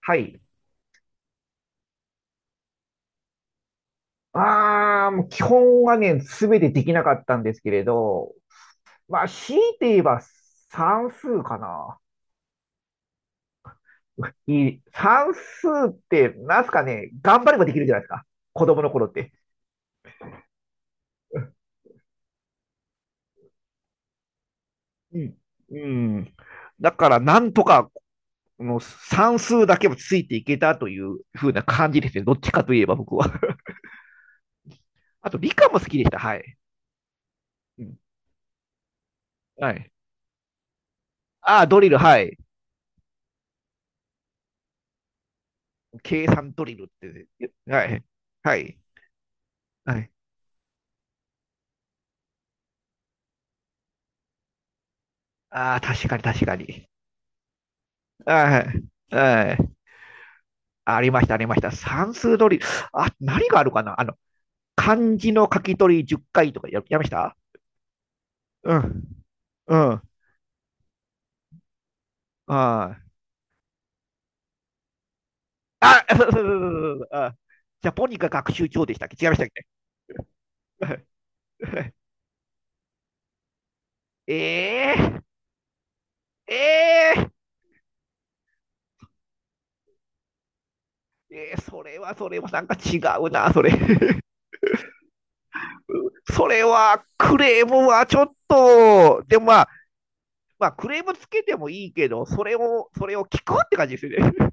はい。ああ、もう基本はね、すべてできなかったんですけれど、まあ、強いて言えば算数かな。いい、算数って、なんすかね、頑張ればできるじゃないですか。子供の頃って。うん。うん。だから、なんとか、の算数だけもついていけたというふうな感じですね。どっちかといえば僕は。あと、理科も好きでした。はい。うん。はい。ああ、ドリル、はい。計算ドリルって、はい。はい。はい。ああ、確かに。はい。はい。ありました、ありました。算数取り。あ、何があるかな漢字の書き取り10回とかや、やりました。うん。うん。はい。あ、そう。あ、ジャポニカ学習帳でしたっけ、違いましたっけ？ え、え、えーそれはそれはなんか違うな、それ。それはクレームはちょっと、でもまあ、まあ、クレームつけてもいいけど、それを、それを聞くって感じですよね。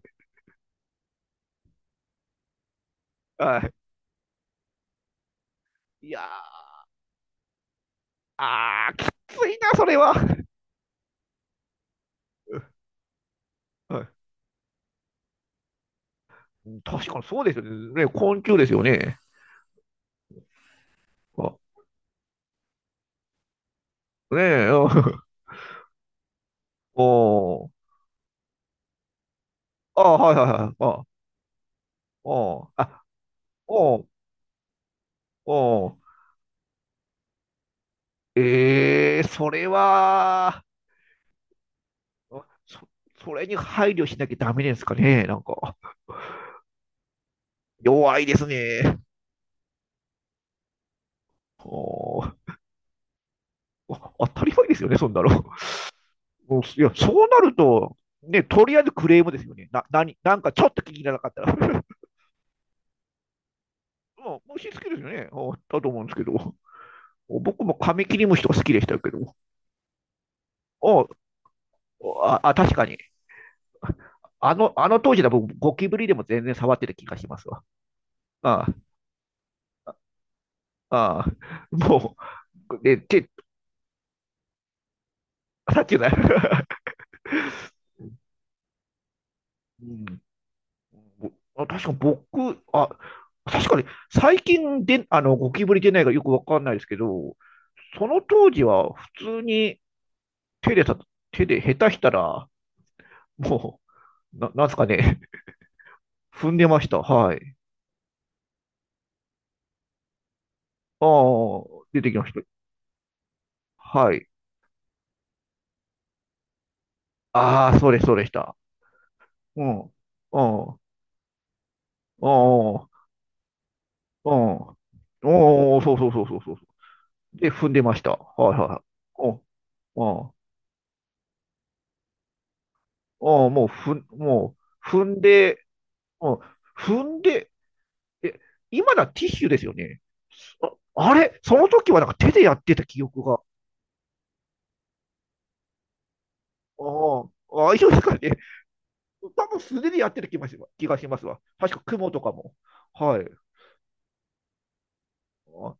はい。いやー、あー、きついな、それは。はい。確かにそうですよね。ね、昆虫ですよね。あ、ねえ、うん。 おー。あー、はいはいはい。あ、おー。あ、おー、おー。えー、それは、そ、それに配慮しなきゃダメですかね。なんか、弱いですね。おー。あ、当たり前ですよね、そんなの。うん、いや、そうなると、ね、とりあえずクレームですよね。な、なに、なんかちょっと気に入らなかったら。もう虫好きですよね。だと思うんですけど。僕もカミキリムシとか好きでしたけど。お、あ、あ、確かに。あの当時だ僕、ゴキブリでも全然触ってた気がしますわ。ああ、ああ、もう、で、手さっきの、うん、あ、確か僕、あ、確かに最近で、あの、ゴキブリ出ないかよくわかんないですけど、その当時は普通に手でさ、手で下手したら、もう、な、なんすかね、踏んでました。はい。ああ、出てきました。はい。ああ、そうです、そうでした。うん。うん。うん。うん。うん、おー、そう。で、踏んでました。はいはいはい。うん。うん。うん。もう、ふん、もう、踏んで、うん。踏んで、え、今だティッシュですよね。あ、あれその時はなんか手でやってた記憶が。ああ、あ、一緒ですかね。多分素手でやってる気がしますわ。確か雲とかも。はい。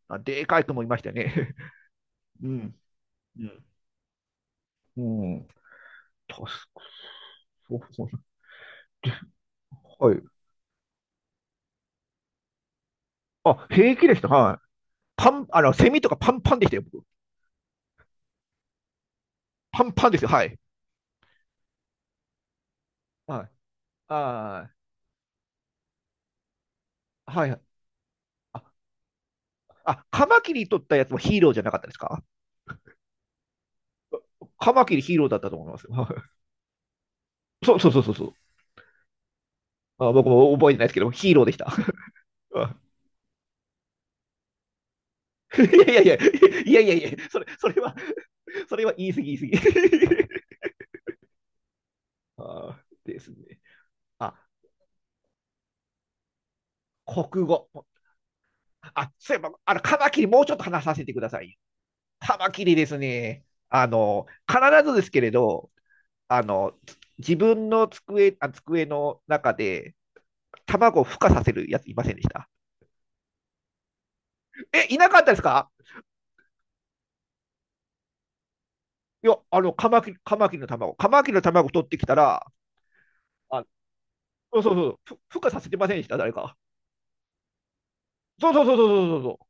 あ、でかい雲いましたね。うん。うんうん。確か、そうそう。はい。あ、平気でした。はい。パン、あの、セミとかパンパンでしたよ、僕。パンパンですよ、はい。はい。あー、はい、あ、あ、カマキリ取ったやつもヒーローじゃなかったですか？カマキリヒーローだったと思いますよ。はい、そう。あ、僕も覚えてないですけど、ヒーローでした。あ、いや、いや、それ、それは、それは言い過ぎ。あー、ですね。あ、国語。あ、そういえば、あの、カマキリもうちょっと話させてください。カマキリですね、あの、必ずですけれど、あの、自分の机、あ、机の中で卵を孵化させるやついませんでした？え、いなかったですか？いや、あの、カマキリ、カマキリの卵、カマキリの卵取ってきたら、あ、そう、ふ孵化させてませんでした誰か。そう。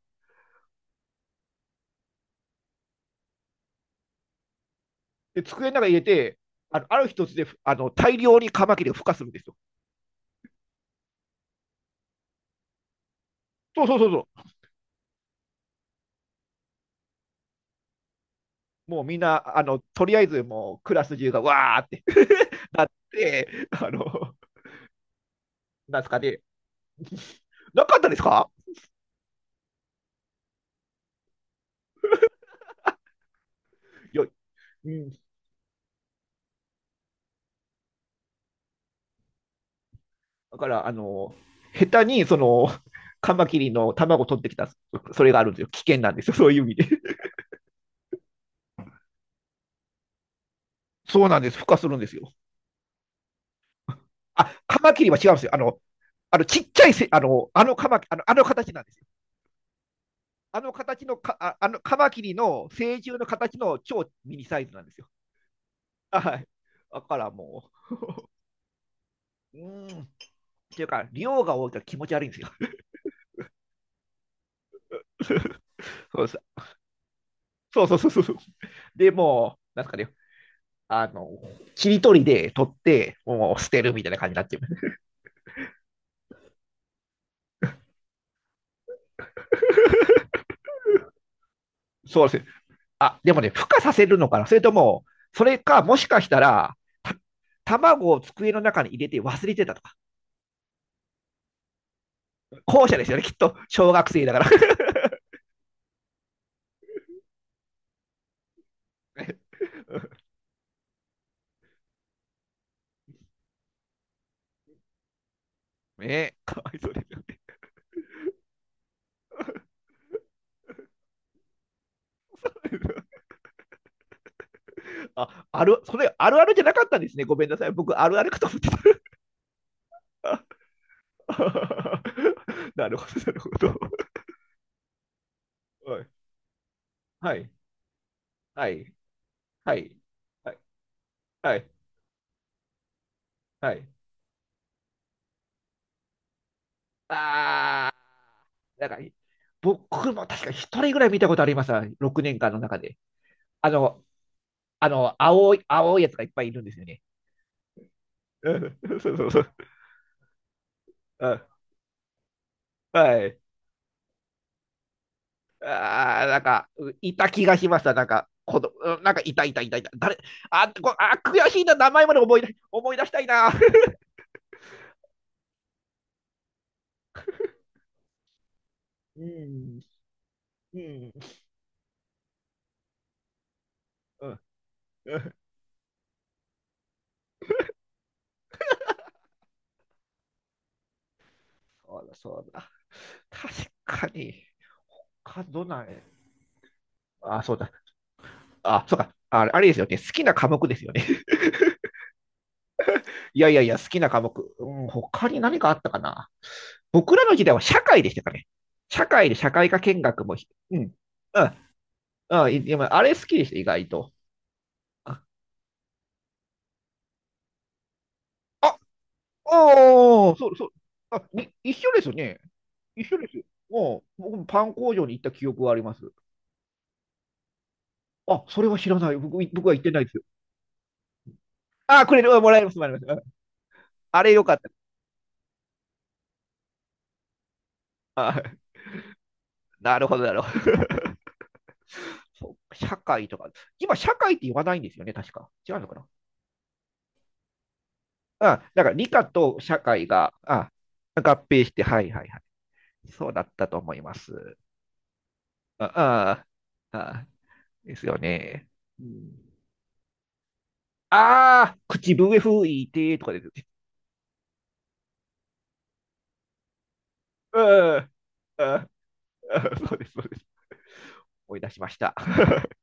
で、机の中に入れて、あの、ある一つで、あの、大量にカマキリが孵化するんですよ。そう。もうみんな、あの、とりあえずもうクラス中がわーって、 なって、あの、なんですかね。なかったですか？いや、うん。だから、あの、下手に、その、カマキリの卵取ってきた、それがあるんですよ。危険なんですよ。そういう意味で。そうなんです。孵化するんですよ。あ、カマキリは違うんですよ。あの、あのちっちゃいせ、あの、あのカマキリあの、あの形なんですよ。あの形のか、あ、あのカマキリの成獣の形の超ミニサイズなんですよ。はい。だからもう、うーん、っていうか、量が多いから気持ち悪いんですよ。そうです、そう。でもなんですかね、あの、切り取りで取って、もう捨てるみたいな感じになっちゃう。そうです。あ、でもね、孵化させるのかな、それとも、それか、もしかしたら、た卵を机の中に入れて忘れてたとか。後者ですよね、きっと。小学生だから。ねえ、かわいそうですよ。あ、ある、それあるあるじゃなかったんですね。ごめんなさい。僕、あるあるかと思ってた。なるほど、なるほど。はい、はい、はい、はい、はい、はい。あー、なんか、僕も確か一人ぐらい見たことありますわ、6年間の中で。あの、青いやつがいっぱいいるんですよね。うん、そう。うん、はい。ああ、なんか、ういた気がしました、なんか、この、うん、なんか、いた、誰、あ、こ、あ、悔しいな、名前まで思い出、思い出したいな。うん。うん。うん。うん、そうだ、そうだ。確かに、他どんない、あ、そうだ。あ、そうか。あ、あれですよね。好きな科目ですよね。いや、好きな科目。うん、他に何かあったかな。僕らの時代は社会でしたかね。社会で社会科見学も。うん。うん。うん、い。でもあれ好きでした、意外と。あ、あ、おー、そう、そう。あ、に一緒ですよね。一緒ですよ。もう、僕もパン工場に行った記憶はあります。あ、それは知らない。僕、僕は行ってないですよ。あ、くれる。うん、もらえます。うん、あれよかった。あ、なるほど、なるほど。そう社会とか。今、社会って言わないんですよね、確か。違うのかな？あ、だから理科と社会が、あ、合併して、はいはいはい。そうだったと思います。ああ、あ、ですよね。うん、ああ、口笛吹いてとかですよね。うん、ああ、そうです、そうです。思い出しました。